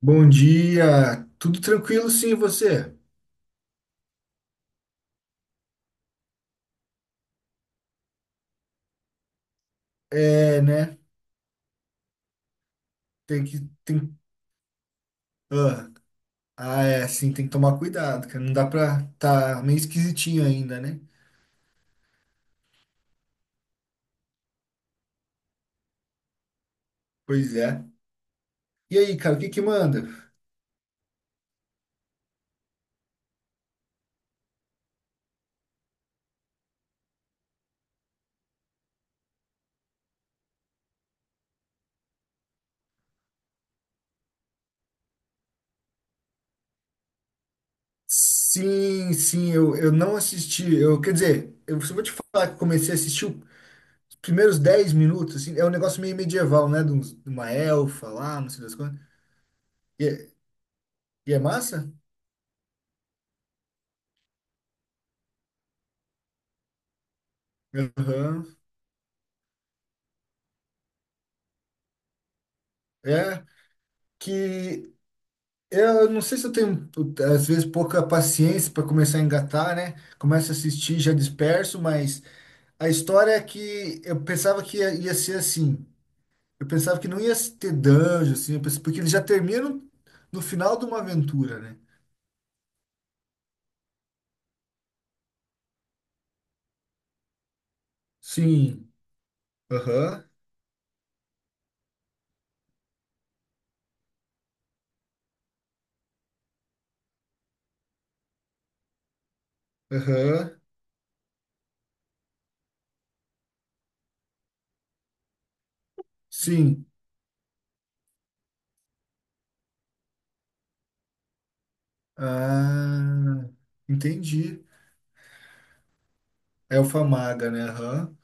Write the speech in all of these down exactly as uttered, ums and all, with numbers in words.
Bom dia, tudo tranquilo sim, e você? É, né? Tem que tem ah, ah, É assim, tem que tomar cuidado, cara. Não dá pra tá meio esquisitinho ainda, né? Pois é. E aí, cara, o que que manda? Sim, sim, eu, eu não assisti. Eu, quer dizer, eu só vou te falar que eu comecei a assistir os primeiros dez minutos, assim, é um negócio meio medieval, né? De, uns- de uma elfa lá, não sei das coisas. E, é- e é massa? Aham. É. Que Eu não sei se eu tenho, às vezes, pouca paciência para começar a engatar, né? Começo a assistir, já disperso, mas a história é que eu pensava que ia, ia ser assim. Eu pensava que não ia ter dungeon, assim, eu pensei- porque eles já terminam no final de uma aventura, né? Sim. Aham. Aham. Sim. Ah, entendi. Elfa Maga, né? Aham.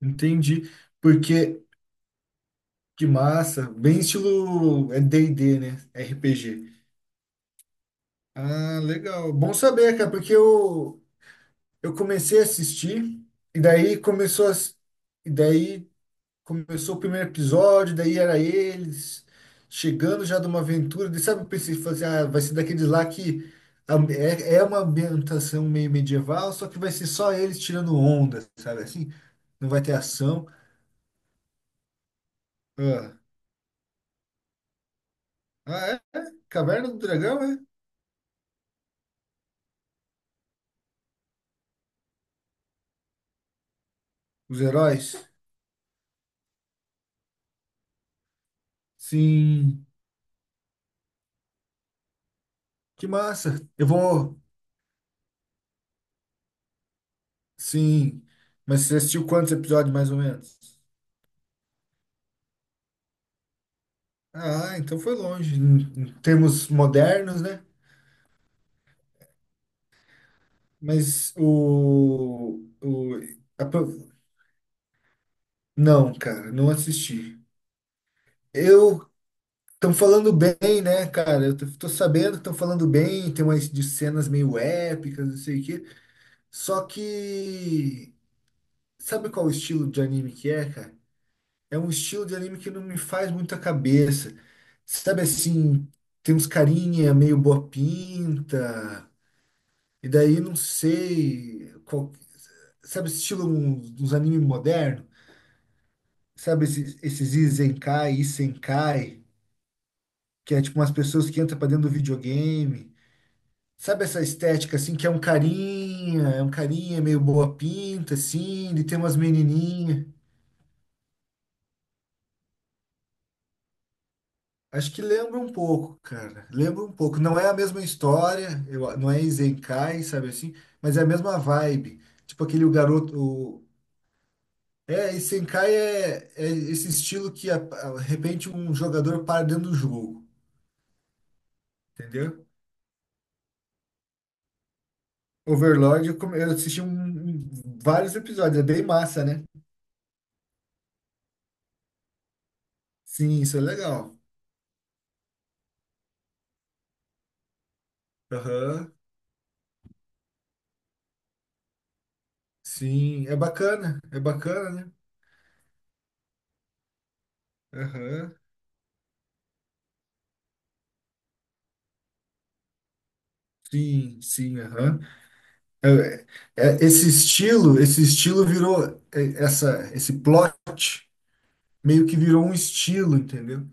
Entendi. Porque, que massa. Bem estilo é d e d né? R P G. Ah, legal. Bom saber, cara, porque eu, eu comecei a assistir, e daí começou a, e daí começou o primeiro episódio, daí era eles chegando já de uma aventura. Daí, sabe, eu pensei, fazer, ah, vai ser daqueles lá que a- é, é uma ambientação meio medieval, só que vai ser só eles tirando onda, sabe assim? Não vai ter ação. Ah, ah, é? Caverna do Dragão, é? Os heróis? Sim. Que massa. Eu vou. Sim. Mas você assistiu quantos episódios, mais ou menos? Ah, então foi longe. Em em termos modernos, né? Mas o, o a pro- não, cara, não assisti. Eu Estão falando bem, né, cara? Eu tô, tô sabendo que estão falando bem, tem umas de cenas meio épicas, não sei o quê. Só que sabe qual o estilo de anime que é, cara? É um estilo de anime que não me faz muita cabeça. Sabe assim, tem uns carinha meio boa pinta, e daí não sei qual- sabe esse estilo uns, uns anime moderno? Sabe esses, esses Izenkai, Isenkai, que é tipo umas pessoas que entram pra dentro do videogame. Sabe essa estética assim que é um carinha, é um carinha meio boa pinta assim, e tem umas menininhas. Acho que lembra um pouco, cara. Lembra um pouco. Não é a mesma história, eu, não é Isenkai, sabe assim? Mas é a mesma vibe. Tipo aquele o garoto. o- É, Isenkai é, é esse estilo que, a- a- de repente, um jogador para dentro do jogo. Entendeu? Overlord, eu, come- eu assisti um- um- vários episódios. É bem massa, né? Sim, isso é legal. Aham. Sim, é bacana. É bacana, né? Aham. Sim, sim, aham. É, é, esse estilo, esse estilo virou é, essa, esse plot meio que virou um estilo, entendeu?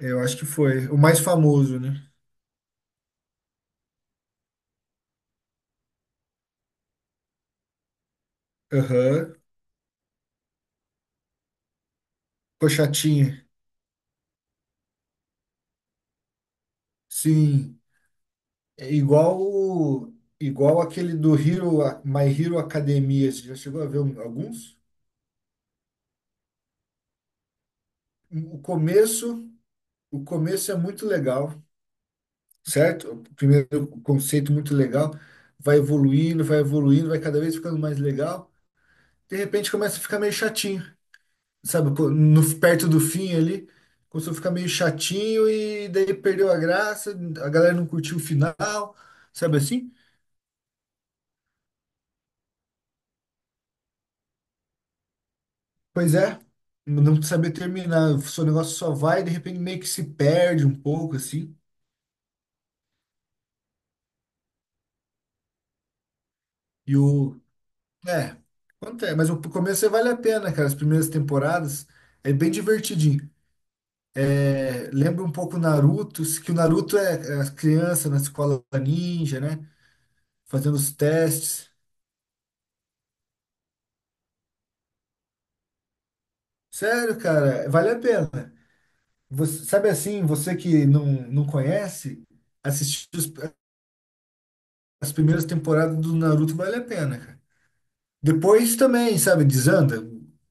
Eu acho que foi o mais famoso, né? Aham, Pochatinha. Sim, é igual o- igual aquele do Hero, My Hero Academia. Você já chegou a ver um- alguns? O começo, o começo é muito legal, certo? O primeiro conceito muito legal, vai evoluindo, vai evoluindo, vai cada vez ficando mais legal. De repente começa a ficar meio chatinho. Sabe, co- no, perto do fim ali, começou a ficar meio chatinho e daí perdeu a graça, a galera não curtiu o final, sabe assim? Pois é, não saber terminar, o seu negócio só vai, de repente meio que se perde um pouco, assim, e o... É, acontece, mas o começo é- vale a pena, cara, as primeiras temporadas é bem divertidinho. É, lembra um pouco o Naruto, que o Naruto é é as crianças na escola ninja, né, fazendo os testes. Sério, cara, vale a pena. Você, sabe assim, você que não, não conhece, assistir os- as primeiras temporadas do Naruto vale a pena, cara. Depois também, sabe, desanda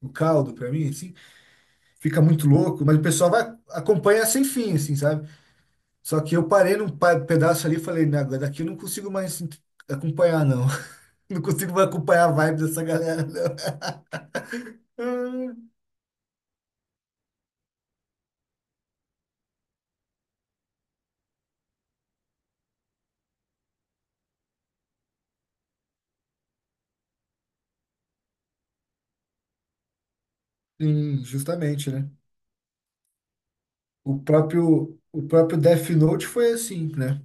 o caldo pra mim, assim, fica muito louco, mas o pessoal vai acompanha sem fim, assim, sabe? Só que eu parei num pa- pedaço ali e falei, não, agora daqui eu não consigo mais ent- acompanhar, não. Não consigo mais acompanhar a vibe dessa galera, não. Sim, justamente, né? O próprio, o próprio Death Note foi assim, né?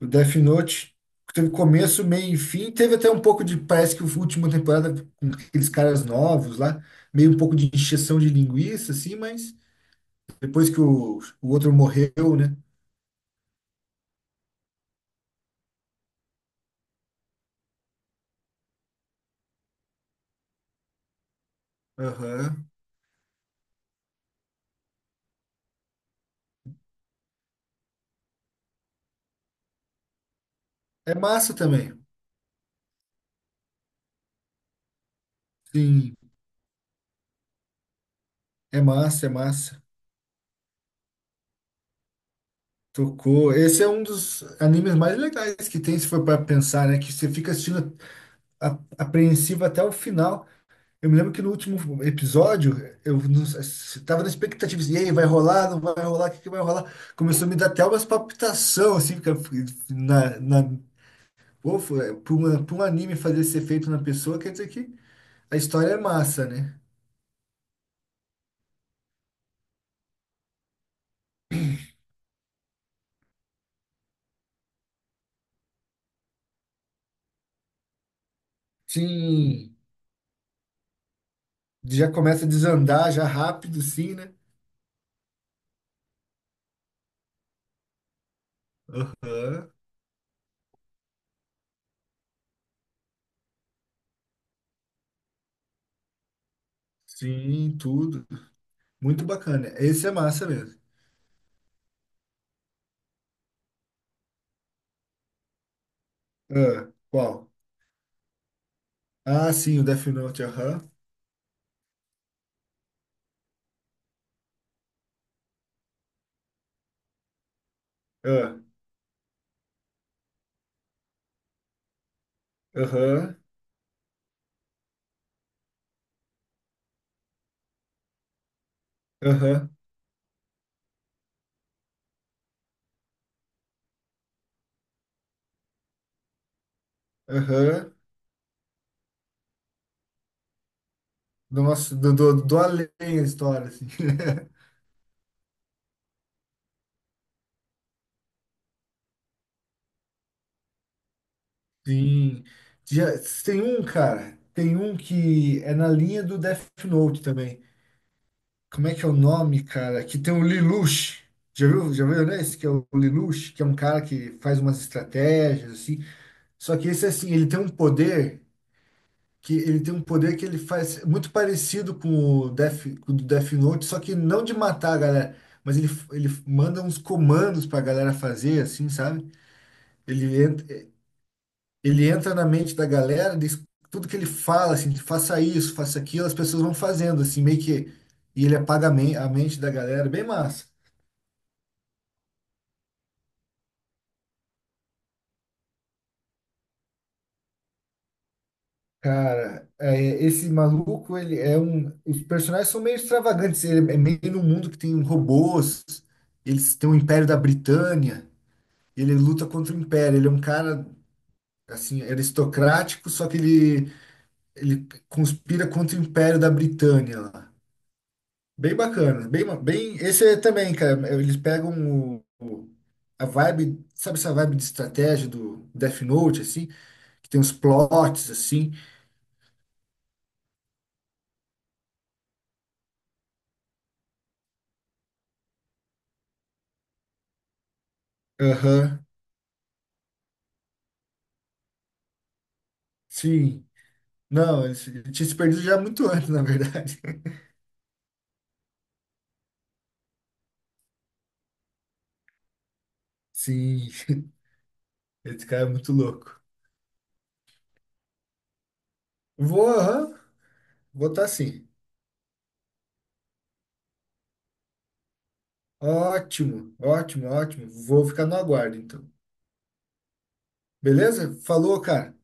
O Death Note teve começo, meio e fim. Teve até um pouco de, parece que a última temporada com aqueles caras novos lá, meio um pouco de encheção de linguiça, assim, mas depois que o, o outro morreu, né? Aham. É massa também. Sim, é massa, é massa. Tocou. Esse é um dos animes mais legais que tem, se for para pensar, né? Que você fica assistindo a- apreensivo até o final. Eu me lembro que no último episódio, eu estava sei- tava na expectativa, assim, e aí, vai rolar, não vai rolar, o que que vai rolar? Começou a me dar até umas palpitação, assim, fica- na, na, pô, foi- pra uma- pra um anime fazer esse efeito na pessoa, quer dizer que a história é massa, né? Sim, já começa a desandar, já rápido, sim, né? Aham, sim, tudo. Muito bacana, esse é massa mesmo. Ah, qual? Ah, sim, o Death Note, aham, ah, aham, aham, aham. Do nosso do, do, do além a história, assim. Sim. Já, tem um, cara, tem um que é na linha do Death Note também. Como é que é o nome, cara? Que tem o Lelouch. Já viu, já viu, né? Esse que é o Lelouch, que é um cara que faz umas estratégias, assim. Só que esse, assim, ele tem um poder que ele tem um poder que ele faz muito parecido com o Death, com o do Death Note, só que não de matar a galera, mas ele, ele manda uns comandos pra galera fazer, assim, sabe? Ele entra. ele entra na mente da galera, diz- tudo que ele fala, assim, faça isso, faça aquilo, as pessoas vão fazendo, assim, meio que. E ele apaga a men- a mente da galera, bem massa. Cara, é, esse maluco, ele é um. Os personagens são meio extravagantes. Ele é meio num mundo que tem robôs, eles têm o Império da Britânia, ele luta contra o Império. Ele é um cara, assim, aristocrático, só que ele, ele conspira contra o Império da Britânia lá. Bem bacana, bem, bem, esse é também, cara, eles pegam o- o- a vibe, sabe essa vibe de estratégia do Death Note, assim, que tem uns plots, assim, aham. Sim, não, ele se- ele tinha se perdido já muito antes, na verdade. Sim, esse cara é muito louco. Vou, aham, vou estar sim. Ótimo, ótimo, ótimo, vou ficar no aguardo, então, beleza? Falou, cara.